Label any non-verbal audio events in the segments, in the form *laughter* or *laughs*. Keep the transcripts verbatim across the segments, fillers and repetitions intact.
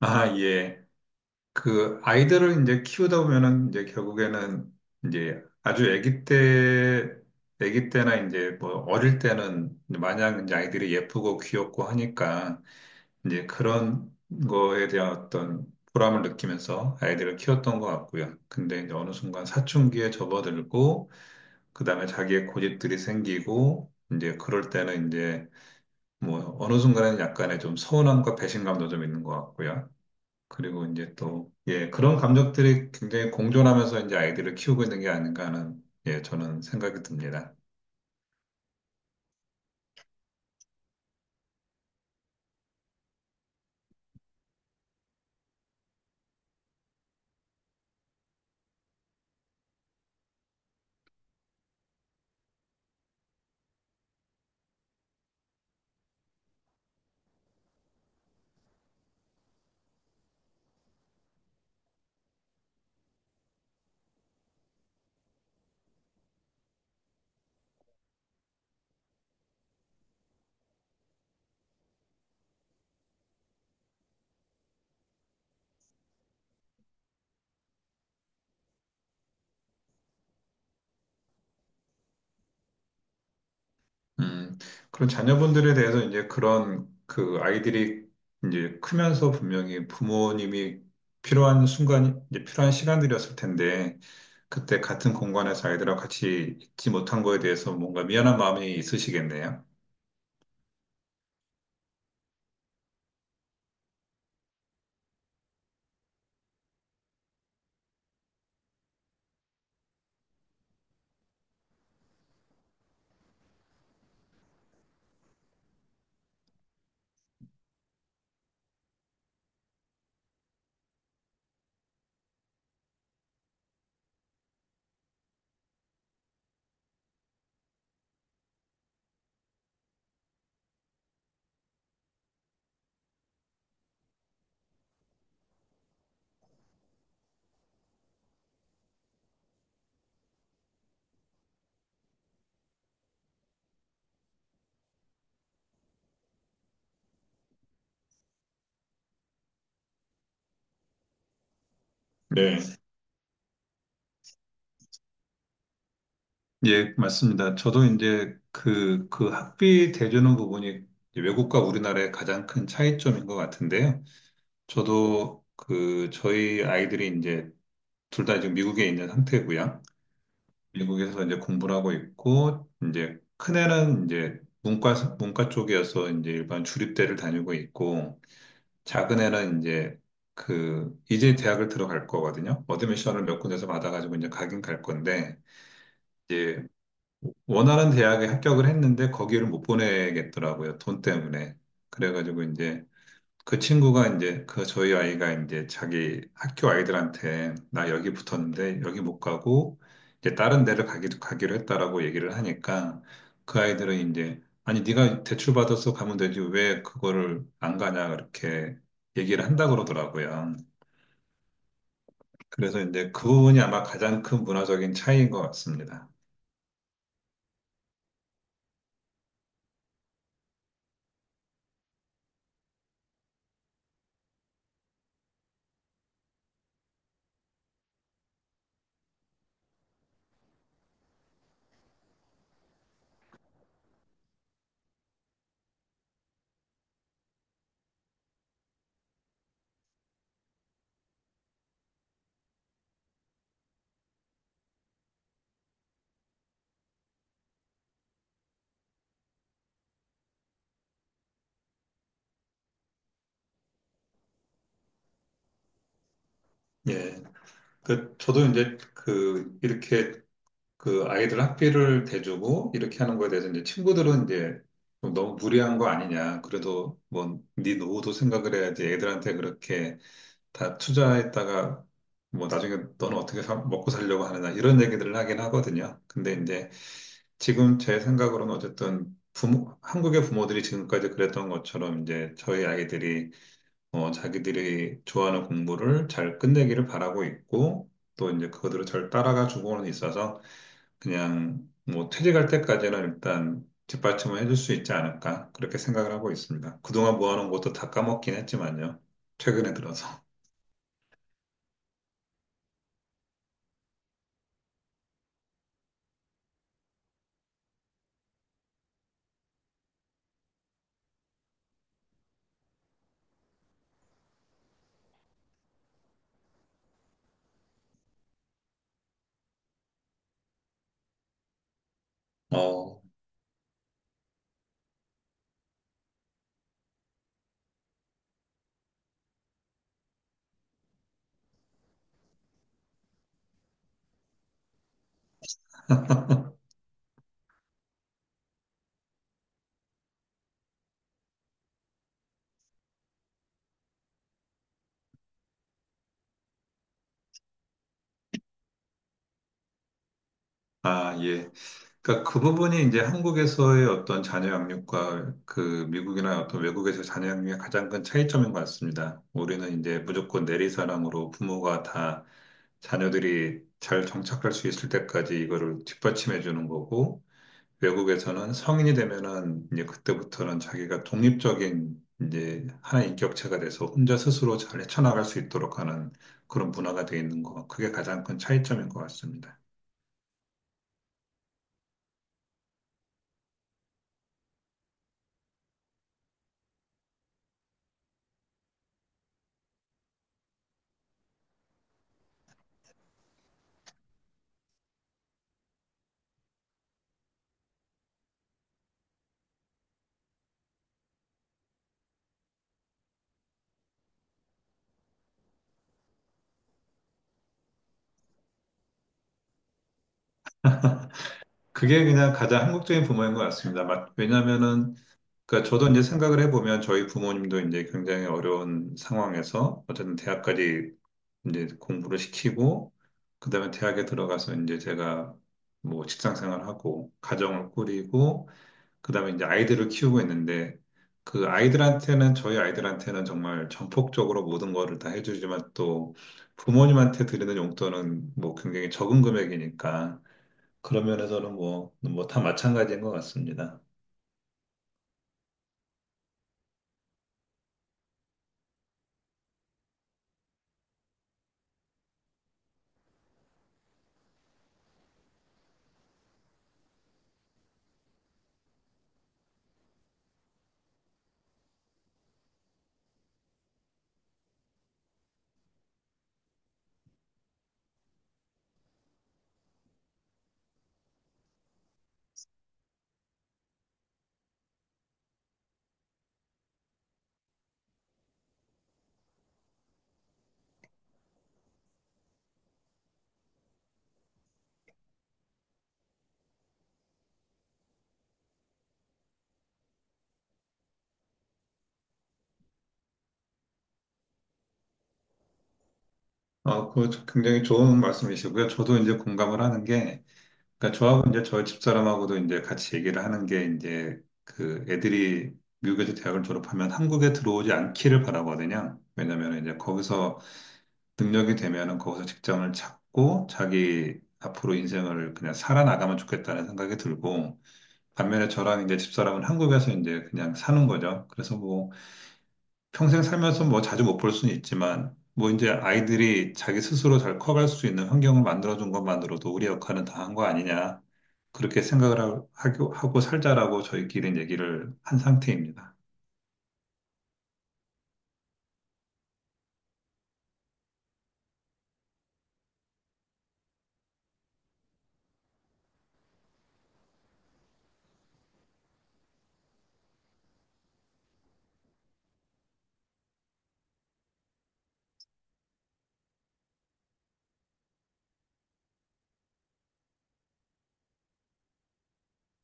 아, 예. 그 아이들을 이제 키우다 보면은 이제 결국에는 이제 아주 아기 때, 아기 때나 이제 뭐 어릴 때는 이제 마냥 이제 아이들이 예쁘고 귀엽고 하니까 이제 그런 거에 대한 어떤 보람을 느끼면서 아이들을 키웠던 것 같고요. 근데 이제 어느 순간 사춘기에 접어들고 그다음에 자기의 고집들이 생기고 이제 그럴 때는 이제 뭐 어느 순간에는 약간의 좀 서운함과 배신감도 좀 있는 것 같고요. 그리고 이제 또, 예, 그런 감정들이 굉장히 공존하면서 이제 아이들을 키우고 있는 게 아닌가 하는, 예, 저는 생각이 듭니다. 음, 그런 자녀분들에 대해서 이제 그런 그 아이들이 이제 크면서 분명히 부모님이 필요한 순간, 이제 필요한 시간들이었을 텐데, 그때 같은 공간에서 아이들하고 같이 있지 못한 거에 대해서 뭔가 미안한 마음이 있으시겠네요. 네, 예, 맞습니다. 저도 이제 그, 그, 학비 대주는 부분이 이제 외국과 우리나라의 가장 큰 차이점인 것 같은데요. 저도 그, 저희 아이들이 이제 둘 다 지금 미국에 있는 상태고요. 미국에서 이제 공부를 하고 있고, 이제 큰애는 이제 문과, 문과 쪽이어서 이제 일반 주립대를 다니고 있고, 작은애는 이제 그, 이제 대학을 들어갈 거거든요. 어드미션을 몇 군데서 받아가지고 이제 가긴 갈 건데, 이제 원하는 대학에 합격을 했는데 거기를 못 보내겠더라고요. 돈 때문에. 그래가지고 이제 그 친구가 이제 그 저희 아이가 이제 자기 학교 아이들한테 나 여기 붙었는데 여기 못 가고 이제 다른 데를 가기도 가기로 했다라고 얘기를 하니까 그 아이들은 이제 아니 네가 대출 받아서 가면 되지 왜 그거를 안 가냐 그렇게 얘기를 한다 그러더라고요. 그래서 이제 그 부분이 아마 가장 큰 문화적인 차이인 것 같습니다. 예. 그, 저도 이제 그, 이렇게 그 아이들 학비를 대주고 이렇게 하는 거에 대해서 이제 친구들은 이제 좀 너무 무리한 거 아니냐. 그래도 뭐, 네 노후도 생각을 해야지 애들한테 그렇게 다 투자했다가 뭐 나중에 너는 어떻게 사- 먹고 살려고 하느냐. 이런 얘기들을 하긴 하거든요. 근데 이제 지금 제 생각으로는 어쨌든 부모, 한국의 부모들이 지금까지 그랬던 것처럼 이제 저희 아이들이 어, 자기들이 좋아하는 공부를 잘 끝내기를 바라고 있고, 또 이제 그거대로 잘 따라가 주고는 있어서, 그냥 뭐 퇴직할 때까지는 일단 뒷받침을 해줄 수 있지 않을까, 그렇게 생각을 하고 있습니다. 그동안 모아놓은 것도 다 까먹긴 했지만요. 최근에 들어서. 어, *laughs* 아, 예. 그러니까 그 부분이 이제 한국에서의 어떤 자녀 양육과 그 미국이나 어떤 외국에서 자녀 양육의 가장 큰 차이점인 것 같습니다. 우리는 이제 무조건 내리사랑으로 부모가 다 자녀들이 잘 정착할 수 있을 때까지 이거를 뒷받침해 주는 거고 외국에서는 성인이 되면은 이제 그때부터는 자기가 독립적인 이제 하나의 인격체가 돼서 혼자 스스로 잘 헤쳐나갈 수 있도록 하는 그런 문화가 돼 있는 거. 그게 가장 큰 차이점인 것 같습니다. 그게 그냥 가장 한국적인 부모인 것 같습니다. 맞- 왜냐면은, 그러니까 저도 이제 생각을 해보면 저희 부모님도 이제 굉장히 어려운 상황에서 어쨌든 대학까지 이제 공부를 시키고, 그 다음에 대학에 들어가서 이제 제가 뭐 직장 생활하고, 가정을 꾸리고, 그 다음에 이제 아이들을 키우고 있는데, 그 아이들한테는, 저희 아이들한테는 정말 전폭적으로 모든 거를 다 해주지만 또 부모님한테 드리는 용돈은 뭐 굉장히 적은 금액이니까, 그런 면에서는 뭐, 뭐 다 마찬가지인 것 같습니다. 아, 그 굉장히 좋은 말씀이시고요. 저도 이제 공감을 하는 게, 그러니까 저하고 이제 저희 집사람하고도 이제 같이 얘기를 하는 게 이제 그 애들이 미국에서 대학을 졸업하면 한국에 들어오지 않기를 바라거든요. 왜냐면 이제 거기서 능력이 되면은 거기서 직장을 찾고 자기 앞으로 인생을 그냥 살아나가면 좋겠다는 생각이 들고, 반면에 저랑 이제 집사람은 한국에서 이제 그냥 사는 거죠. 그래서 뭐 평생 살면서 뭐 자주 못 볼 수는 있지만, 뭐 이제 아이들이 자기 스스로 잘 커갈 수 있는 환경을 만들어준 것만으로도 우리 역할은 다 한 거 아니냐. 그렇게 생각을 하- 하고, 하고, 살자라고 저희끼리 얘기를 한 상태입니다.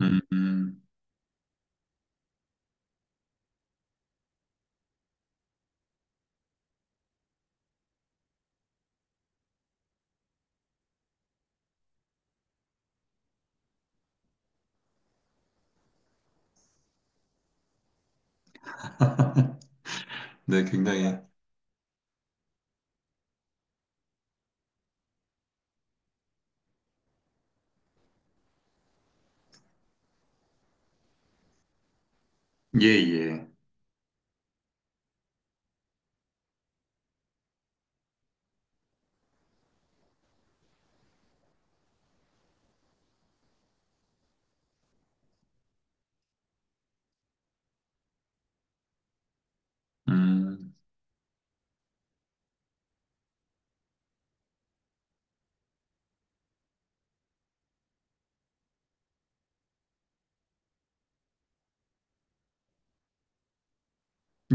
음, 음. 네, 굉장히. 예, 예. 음,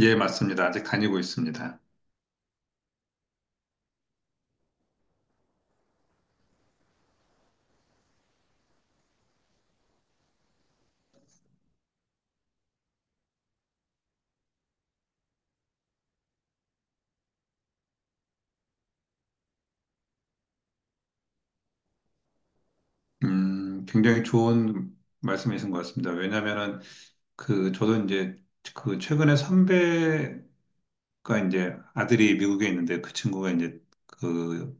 예, 맞습니다. 아직 다니고 있습니다. 음, 굉장히 좋은 말씀이신 것 같습니다. 왜냐면은 그, 저도 이제 그 최근에 선배가 이제 아들이 미국에 있는데 그 친구가 이제 그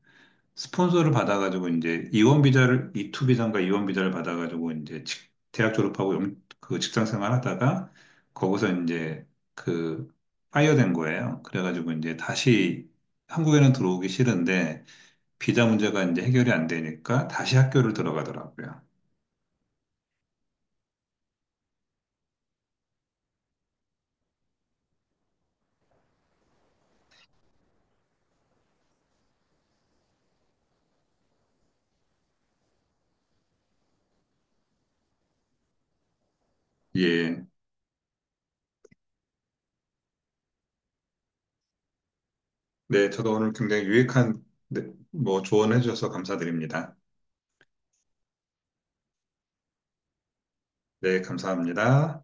스폰서를 받아가지고 이제 이원 비자를 이투 비자인가 이원 비자를 받아가지고 이제 직- 대학 졸업하고 영- 그 직장 생활하다가 거기서 이제 그 파이어된 거예요. 그래가지고 이제 다시 한국에는 들어오기 싫은데 비자 문제가 이제 해결이 안 되니까 다시 학교를 들어가더라고요. 예. 네, 저도 오늘 굉장히 유익한 네, 뭐 조언해 주셔서 감사드립니다. 네, 감사합니다.